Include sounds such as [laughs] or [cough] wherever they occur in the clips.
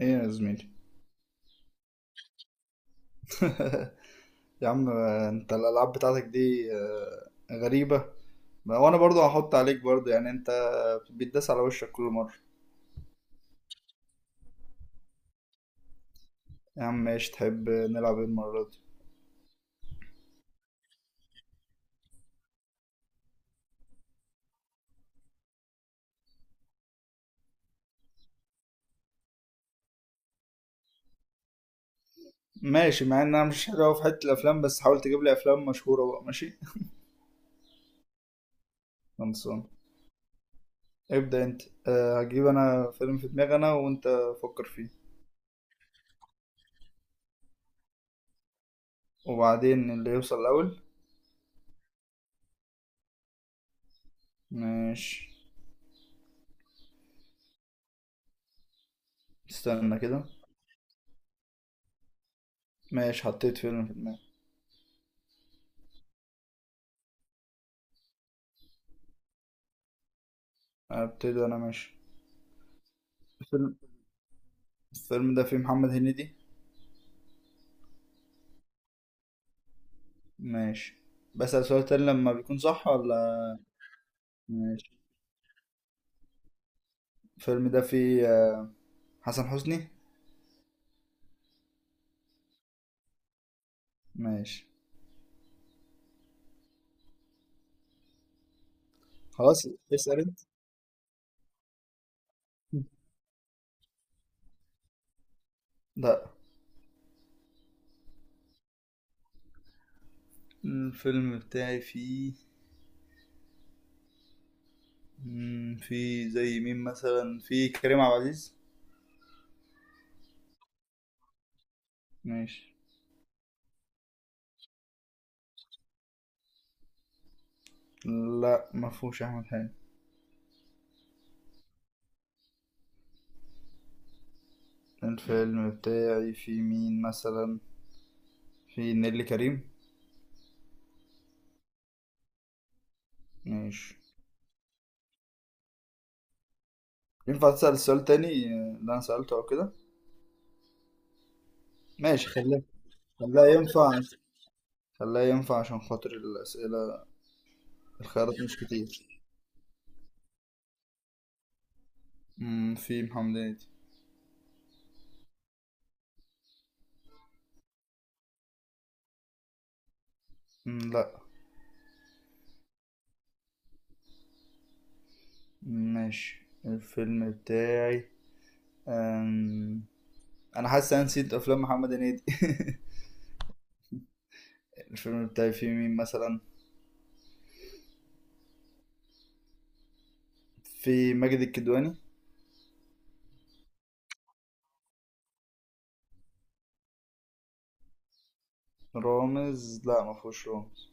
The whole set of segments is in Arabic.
ايه يا زميلي؟ [laughs] يا عم، انت الالعاب بتاعتك دي غريبه. وانا برضو هحط عليك برضو، يعني انت بتداس على وشك كل مره. يا عم ماشي، تحب نلعب ايه المره دي؟ ماشي، مع ان انا مش حلو أوي في حته الافلام، بس حاول تجيب لي افلام مشهوره بقى. ماشي. [laughs] خلصان. ابدا انت. أه، هجيب انا فيلم في دماغي، انا وانت فكر فيه، وبعدين اللي يوصل الاول. ماشي. استنى كده. ماشي، حطيت فيلم في دماغي. ابتدي انا؟ ماشي. الفيلم، الفيلم ده فيه محمد هنيدي. ماشي. بسأل سؤال تاني لما بيكون صح ولا؟ ماشي. الفيلم ده فيه حسن حسني. ماشي. خلاص، اسأل انت. لا. الفيلم بتاعي فيه فيه زي مين مثلا؟ فيه كريم عبد العزيز؟ ماشي. لا ما فيهوش احمد حلمي. الفيلم بتاعي فيه مين مثلا؟ فيه نيللي كريم؟ ماشي. ينفع تسأل السؤال تاني اللي انا سألته او كده؟ ماشي، خليه، خليها ينفع، خليها ينفع عشان خاطر الأسئلة، الخيارات مش كتير. مم، في محمد هنيدي. مم، لا. ماشي. الفيلم بتاعي أم... انا حاسس نسيت افلام محمد هنيدي. [laughs] الفيلم بتاعي فيه مين مثلا؟ في ماجد الكدواني. رامز؟ لا، ما فيهوش رامز.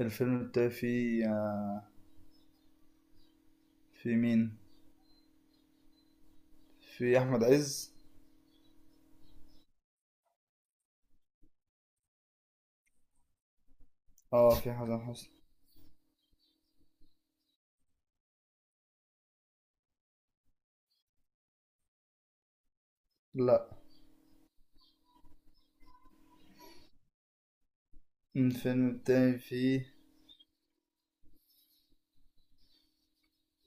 الفيلم بتاعي فيه، في مين، في احمد عز؟ اه، في حسن حسني. لا. الفيلم بتاعي فيه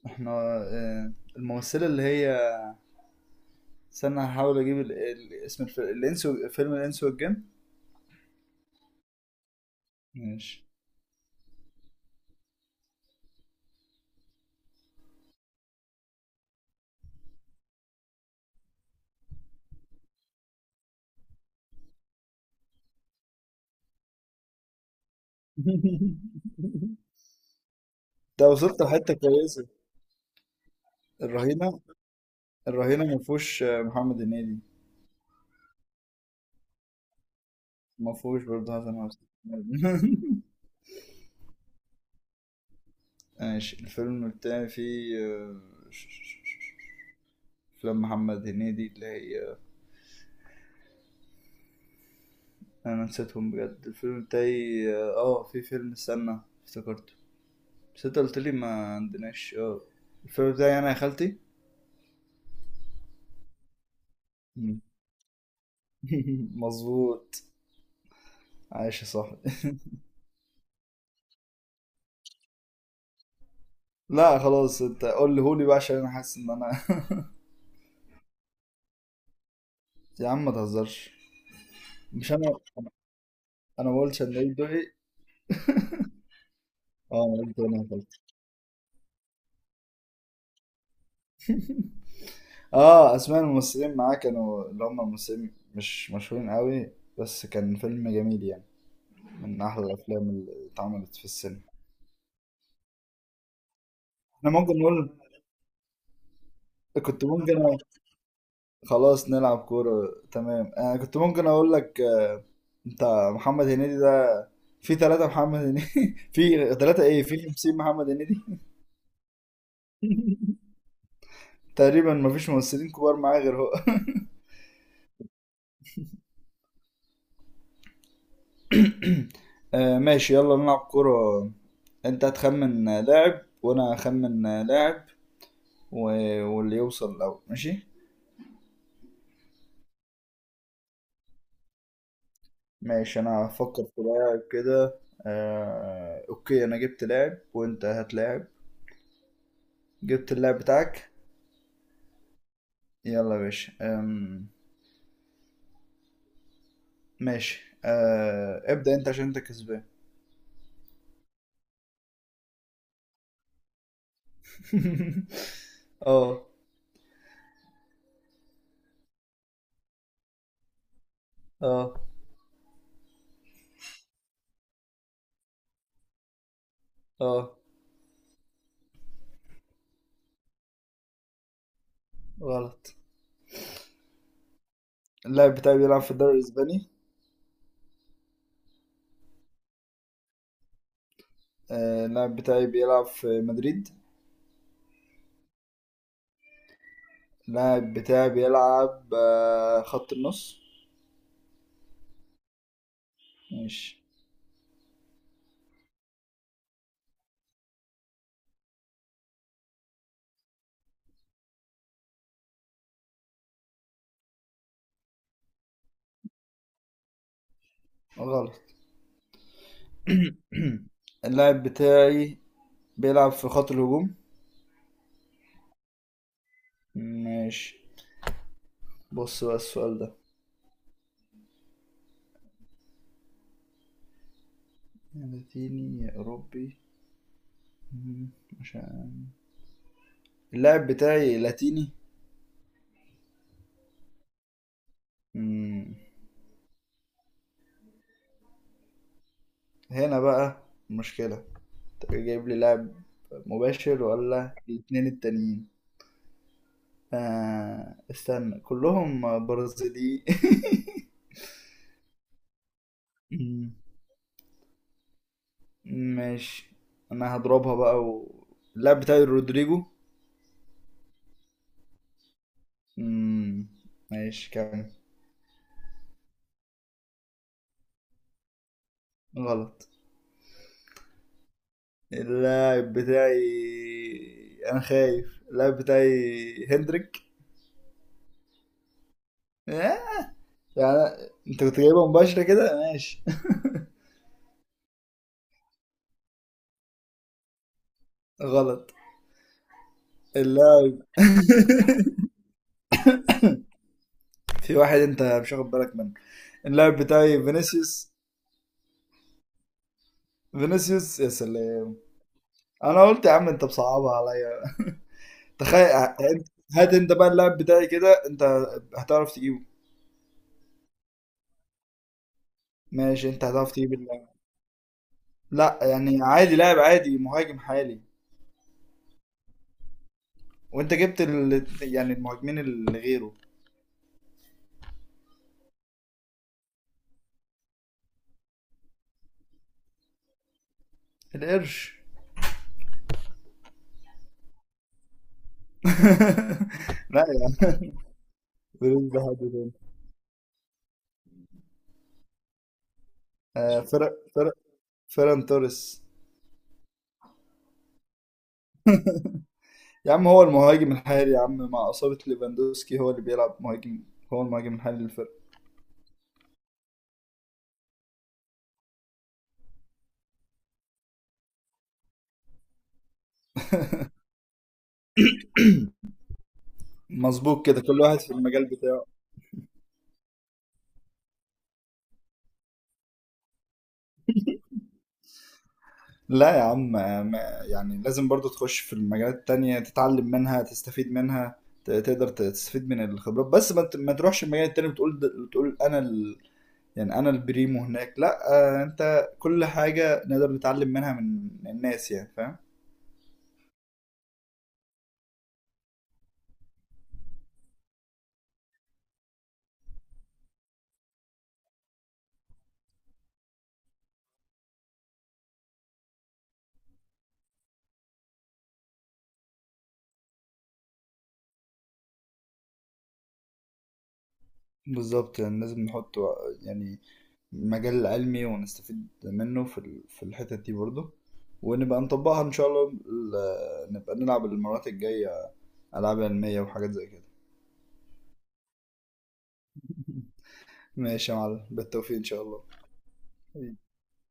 احنا الممثلة اللي هي، استنى هحاول اجيب اسم الفيلم الانس فيلم الانس والجن. ماشي. [laughs] ده وصلت لحته كويسه. الرهينه. الرهينه ما فيهوش محمد هنيدي. ما فيهوش برضه حسن حسني. [laughs] ماشي. الفيلم التاني فيه افلام محمد هنيدي اللي هي انا نسيتهم بجد. الفيلم التاني في فيلم، استنى افتكرته، بس انت قلت لي ما عندناش. اه، الفيلم بتاعي انا يا خالتي. مم. [laughs] مظبوط. عايش يا صاحبي. [laughs] لا خلاص، انت قول لي هولي بقى عشان انا حاسس ان انا [laughs] يا عم ما تهزرش. مش انا، انا ما قلتش ان دقي. اه، انا قلت انا غلط. اه، اسماء الممثلين معاه كانوا اللي هم ممثلين مش مشهورين قوي، بس كان فيلم جميل يعني، من احلى الافلام اللي اتعملت في السينما. احنا ممكن نقول، كنت ممكن خلاص نلعب كورة، تمام. انا كنت ممكن اقول لك انت، محمد هنيدي ده في ثلاثة محمد هنيدي، [laughs] في ثلاثة ايه، في 50 محمد هنيدي. [laughs] تقريبا مفيش ممثلين كبار معاه غير هو. [laughs] [coughs] [applause] ماشي، يلا نلعب كورة. انت هتخمن لاعب وانا هخمن لاعب و... واللي يوصل الاول. ماشي. ماشي، انا هفكر في لاعب كده. اوكي، انا جبت لاعب، وانت هتلاعب. جبت اللاعب بتاعك؟ يلا يا باشا. آم... ماشي، ابدأ انت عشان انت كسبان. [laughs] اه. اه. اه. غلط. اللاعب بتاعي بيلعب في الدوري الاسباني. اللاعب بتاعي بيلعب في مدريد. اللاعب بتاعي بيلعب خط النص. ماشي. غلط. [clears throat] اللاعب بتاعي بيلعب في خط الهجوم. ماشي. بص بقى السؤال ده، لاتيني أوروبي؟ مم، مش عارف. اللاعب بتاعي لاتيني. مم، هنا بقى مشكلة، انت جايب لي لاعب مباشر ولا الاتنين التانيين؟ آه، استنى، كلهم برازيليين. [laughs] ماشي. انا هضربها بقى اللاعب بتاعي رودريجو. مم. ماشي كمل. غلط. اللاعب بتاعي، انا خايف اللاعب بتاعي هندريك. آه، يعني انت كنت جايبها مباشرة كده؟ ماشي. [laughs] غلط. اللاعب. [laughs] في واحد انت مش واخد بالك منه، اللاعب بتاعي فينيسيوس. فينيسيوس يا سلام. انا قلت يا عم انت بصعبها عليا. تخيل. هات انت بقى اللاعب بتاعي كده، انت هتعرف تجيبه؟ ماشي، انت هتعرف تجيب اللاعب. لا يعني عادي، لاعب عادي، مهاجم حالي، وانت جبت يعني المهاجمين اللي غيره. القرش. [laughs] لا يا عم، بريز ده حد تاني. آه، فرق فرق فيران توريس. يا عم هو المهاجم الحالي يا عم، مع إصابة ليفاندوسكي هو اللي بيلعب مهاجم، هو المهاجم الحالي للفرقة. مظبوط كده، كل واحد في المجال بتاعه. لا يا عم يعني لازم برضو تخش في المجالات التانية تتعلم منها تستفيد منها، تقدر تستفيد من الخبرات، بس ما تروحش المجال التاني بتقول بتقول انا يعني انا البريمو هناك، لا. انت كل حاجة نقدر نتعلم منها من الناس، يعني فاهم. بالظبط، يعني لازم نحط يعني مجال علمي ونستفيد منه في في الحتت دي برضو، ونبقى نطبقها ان شاء الله، نبقى نلعب المرات الجاية العاب علمية وحاجات زي كده. [laughs] ماشي يا معلم، بالتوفيق ان شاء الله.